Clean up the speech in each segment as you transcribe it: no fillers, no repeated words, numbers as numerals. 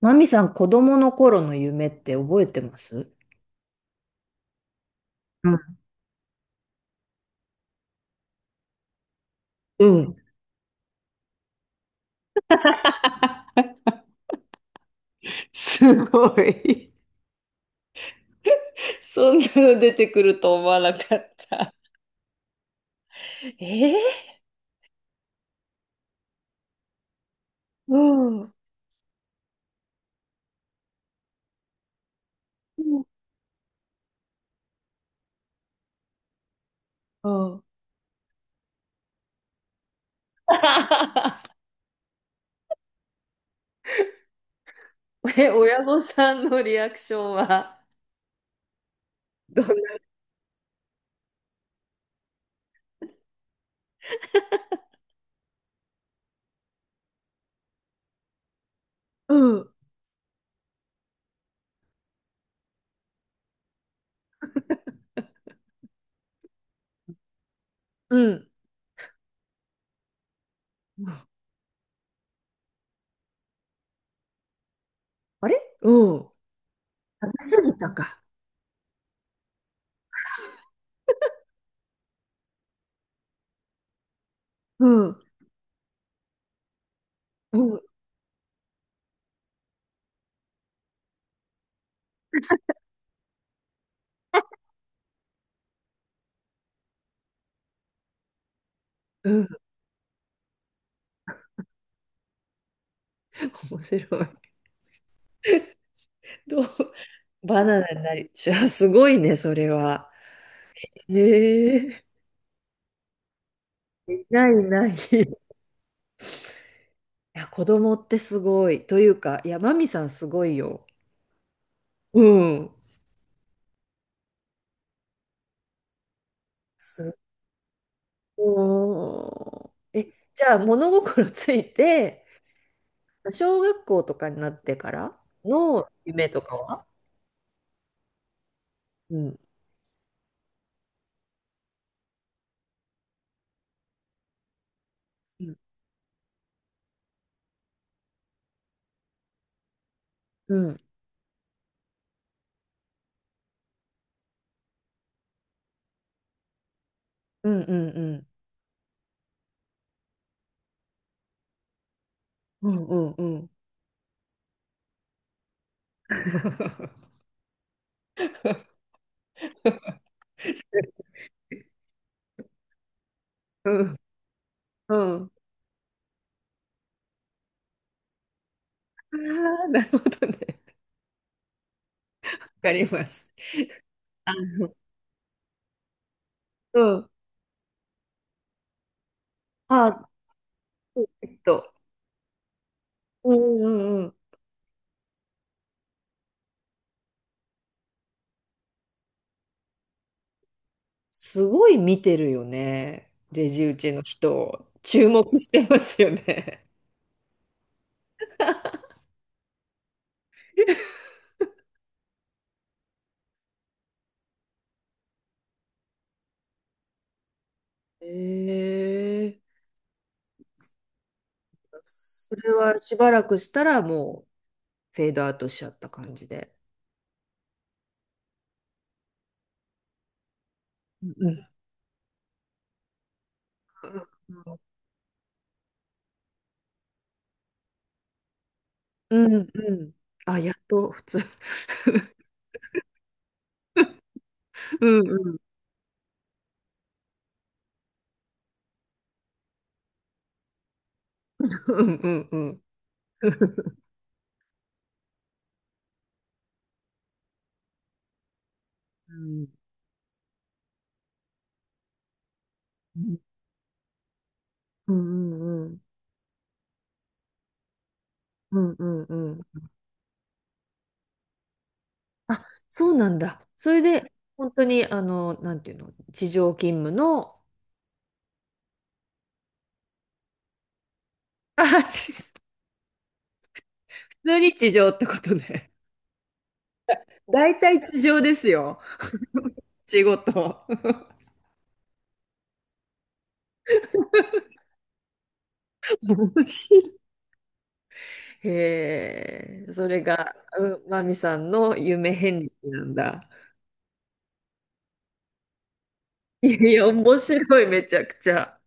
マミさん、子供の頃の夢って覚えてます？うん、うん。すごい。そんなの出てくると思わなかった。えー、うん。うん。うん え、親御さんのリアクションはどんな？うん。うん。あれ。うん。楽しすぎたか。うん。うん。うん。面白い。どうバナナになりじゃあすごいね、それは。へえ。いないいない。いや、子供ってすごい。というか、いや、マミさんすごいよ。うん。すごい。え、じゃあ、物心ついて、小学校とかになってからの夢とかは？うん。うん。うん。うんうんうん。うんうんうん。うん うんうん。ああ、なるほどね。わかります。あ、うん。あ、えっと。うんうん。すごい見てるよね。レジ打ちの人、注目してますよね。ええ。それはしばらくしたらもうフェードアウトしちゃった感じで。うんうんうん。うんうん。あ、やっと普通。うんうんうんうんうん。うんうんうんうんうんうんうん。あ、そうなんだ。それで、本当に、なんていうの、地上勤務の、あ、違う。普通に地上ってことね。大体地上ですよ。仕事。面白い。へえ、それが、うん、マミさんの夢遍歴なんだ。いやいや、面白い、めちゃくちゃ。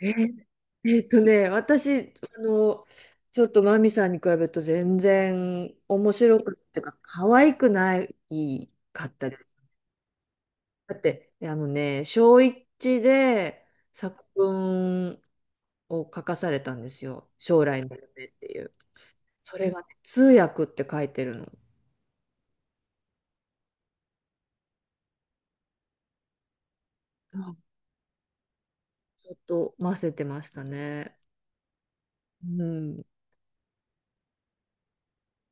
えー私、ちょっとマミさんに比べると全然面白くっていうか、可愛くないかったです。だって、あのね、小一で作文を書かされたんですよ。将来の夢っていう。それがね、通訳って書いてるの。あ、ちょっと混ぜてましたね。うん。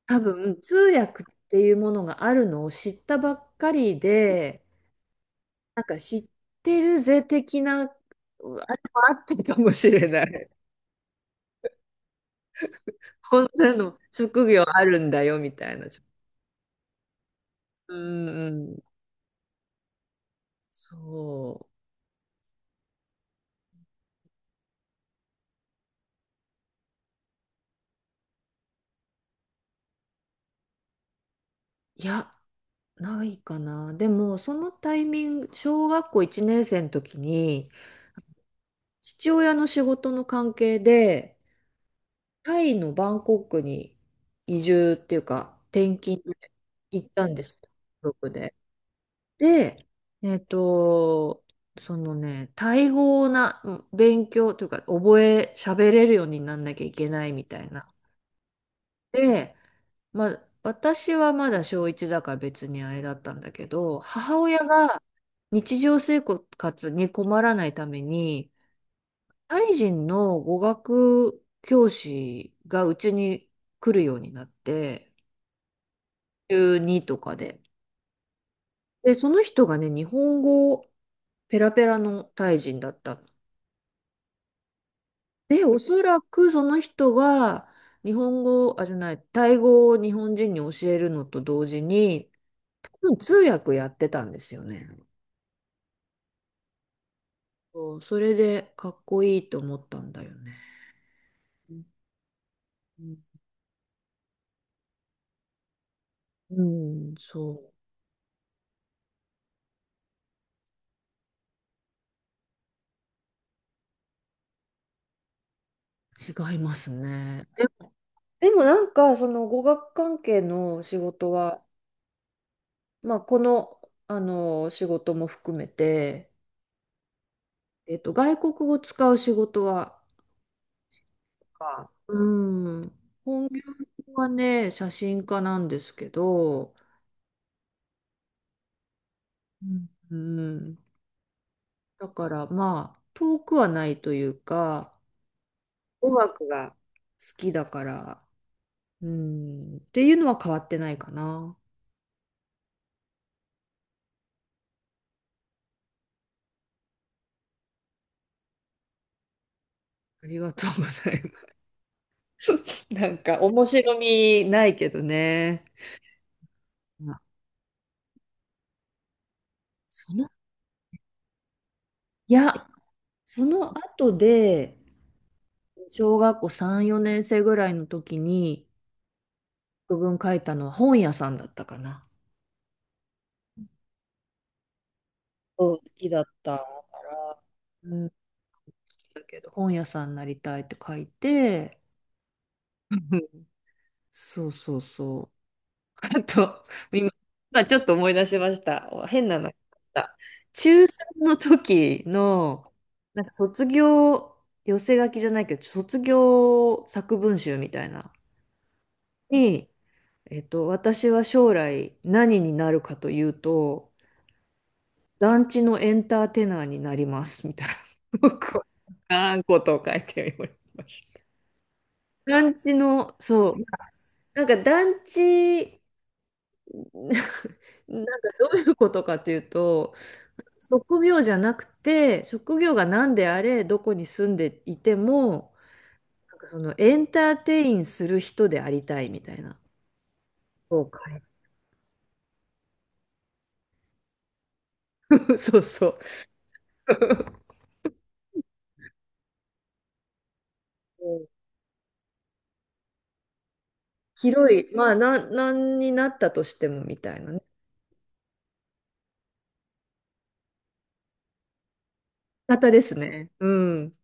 多分通訳っていうものがあるのを知ったばっかりで、なんか知ってるぜ的な、あれもあってたかもしれない。こんなの職業あるんだよみたいな。うんうん。そう。いや、ないかな。でも、そのタイミング、小学校1年生の時に、父親の仕事の関係で、タイのバンコクに移住っていうか、転勤で行ったんです。家族で。で、えっと、そのね、タイ語をなうん勉強というか、喋れるようになんなきゃいけないみたいな。で、まあ、私はまだ小一だから別にあれだったんだけど、母親が日常生活に困らないために、タイ人の語学教師がうちに来るようになって、中2とかで。で、その人がね、日本語ペラペラのタイ人だったの。で、おそらくその人が日本語、あ、じゃない、タイ語を日本人に教えるのと同時に、多分通訳やってたんですよね。そう、それでかっこいいと思ったんだよね。うん、うん。そう、違いますね。でもなんかその語学関係の仕事は、まあ、この、あの仕事も含めて、外国語使う仕事は、あ、うん、本業はね写真家なんですけど、うん、うん。だからまあ遠くはないというか語学が好きだから、うん、っていうのは変わってないかな。ありがとうございます。なんか面白みないけどね。あその、いや、その後で、小学校3、4年生ぐらいの時に、作文書いたのは本屋さんだったかな。そう好きだったから、うん、だけど、本屋さんになりたいって書いて、うん、そうそうそう。あと、今、今ちょっと思い出しました。変なのあった。中3の時の、なんか卒業、寄せ書きじゃないけど、卒業作文集みたいな、に、私は将来何になるかというと、団地のエンターテイナーになります、みたいな。僕はあんことを書いておりました。団地の、そう、なんか団地、なんかどういうことかというと、職業じゃなくて、職業が何であれ、どこに住んでいても、なんかそのエンターテインする人でありたいみたいな。そう書いて そうそう。広い、まあ、なんになったとしてもみたいなね。方ですね。うん。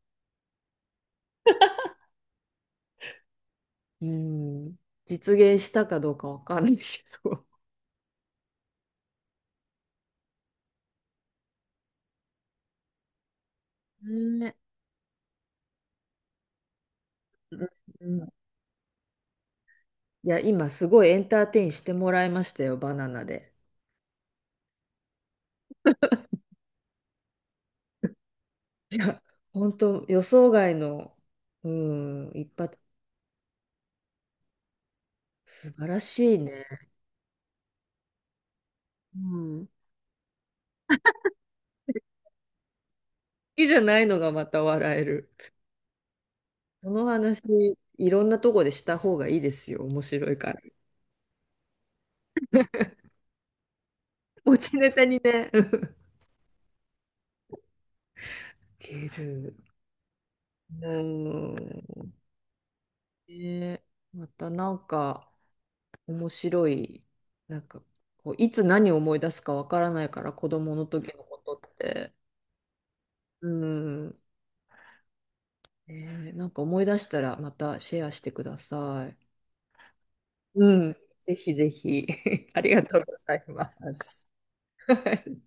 うん。実現したかどうかわかんないけど。ね。うんうん。いや、今すごいエンターテインしてもらいましたよ、バナナで。いや、本当予想外の、うん、一発、素晴らしいね。うん。好きじゃないのがまた笑える。その話、いろんなとこでした方がいいですよ、面白いから。持ちネタにね。うん いける。うん。ね、またなんか面白い、なんかこういつ何を思い出すかわからないから子供の時のことって。うん。ね、なんか思い出したらまたシェアしてください。うん。ぜひぜひ。ありがとうございます。はい。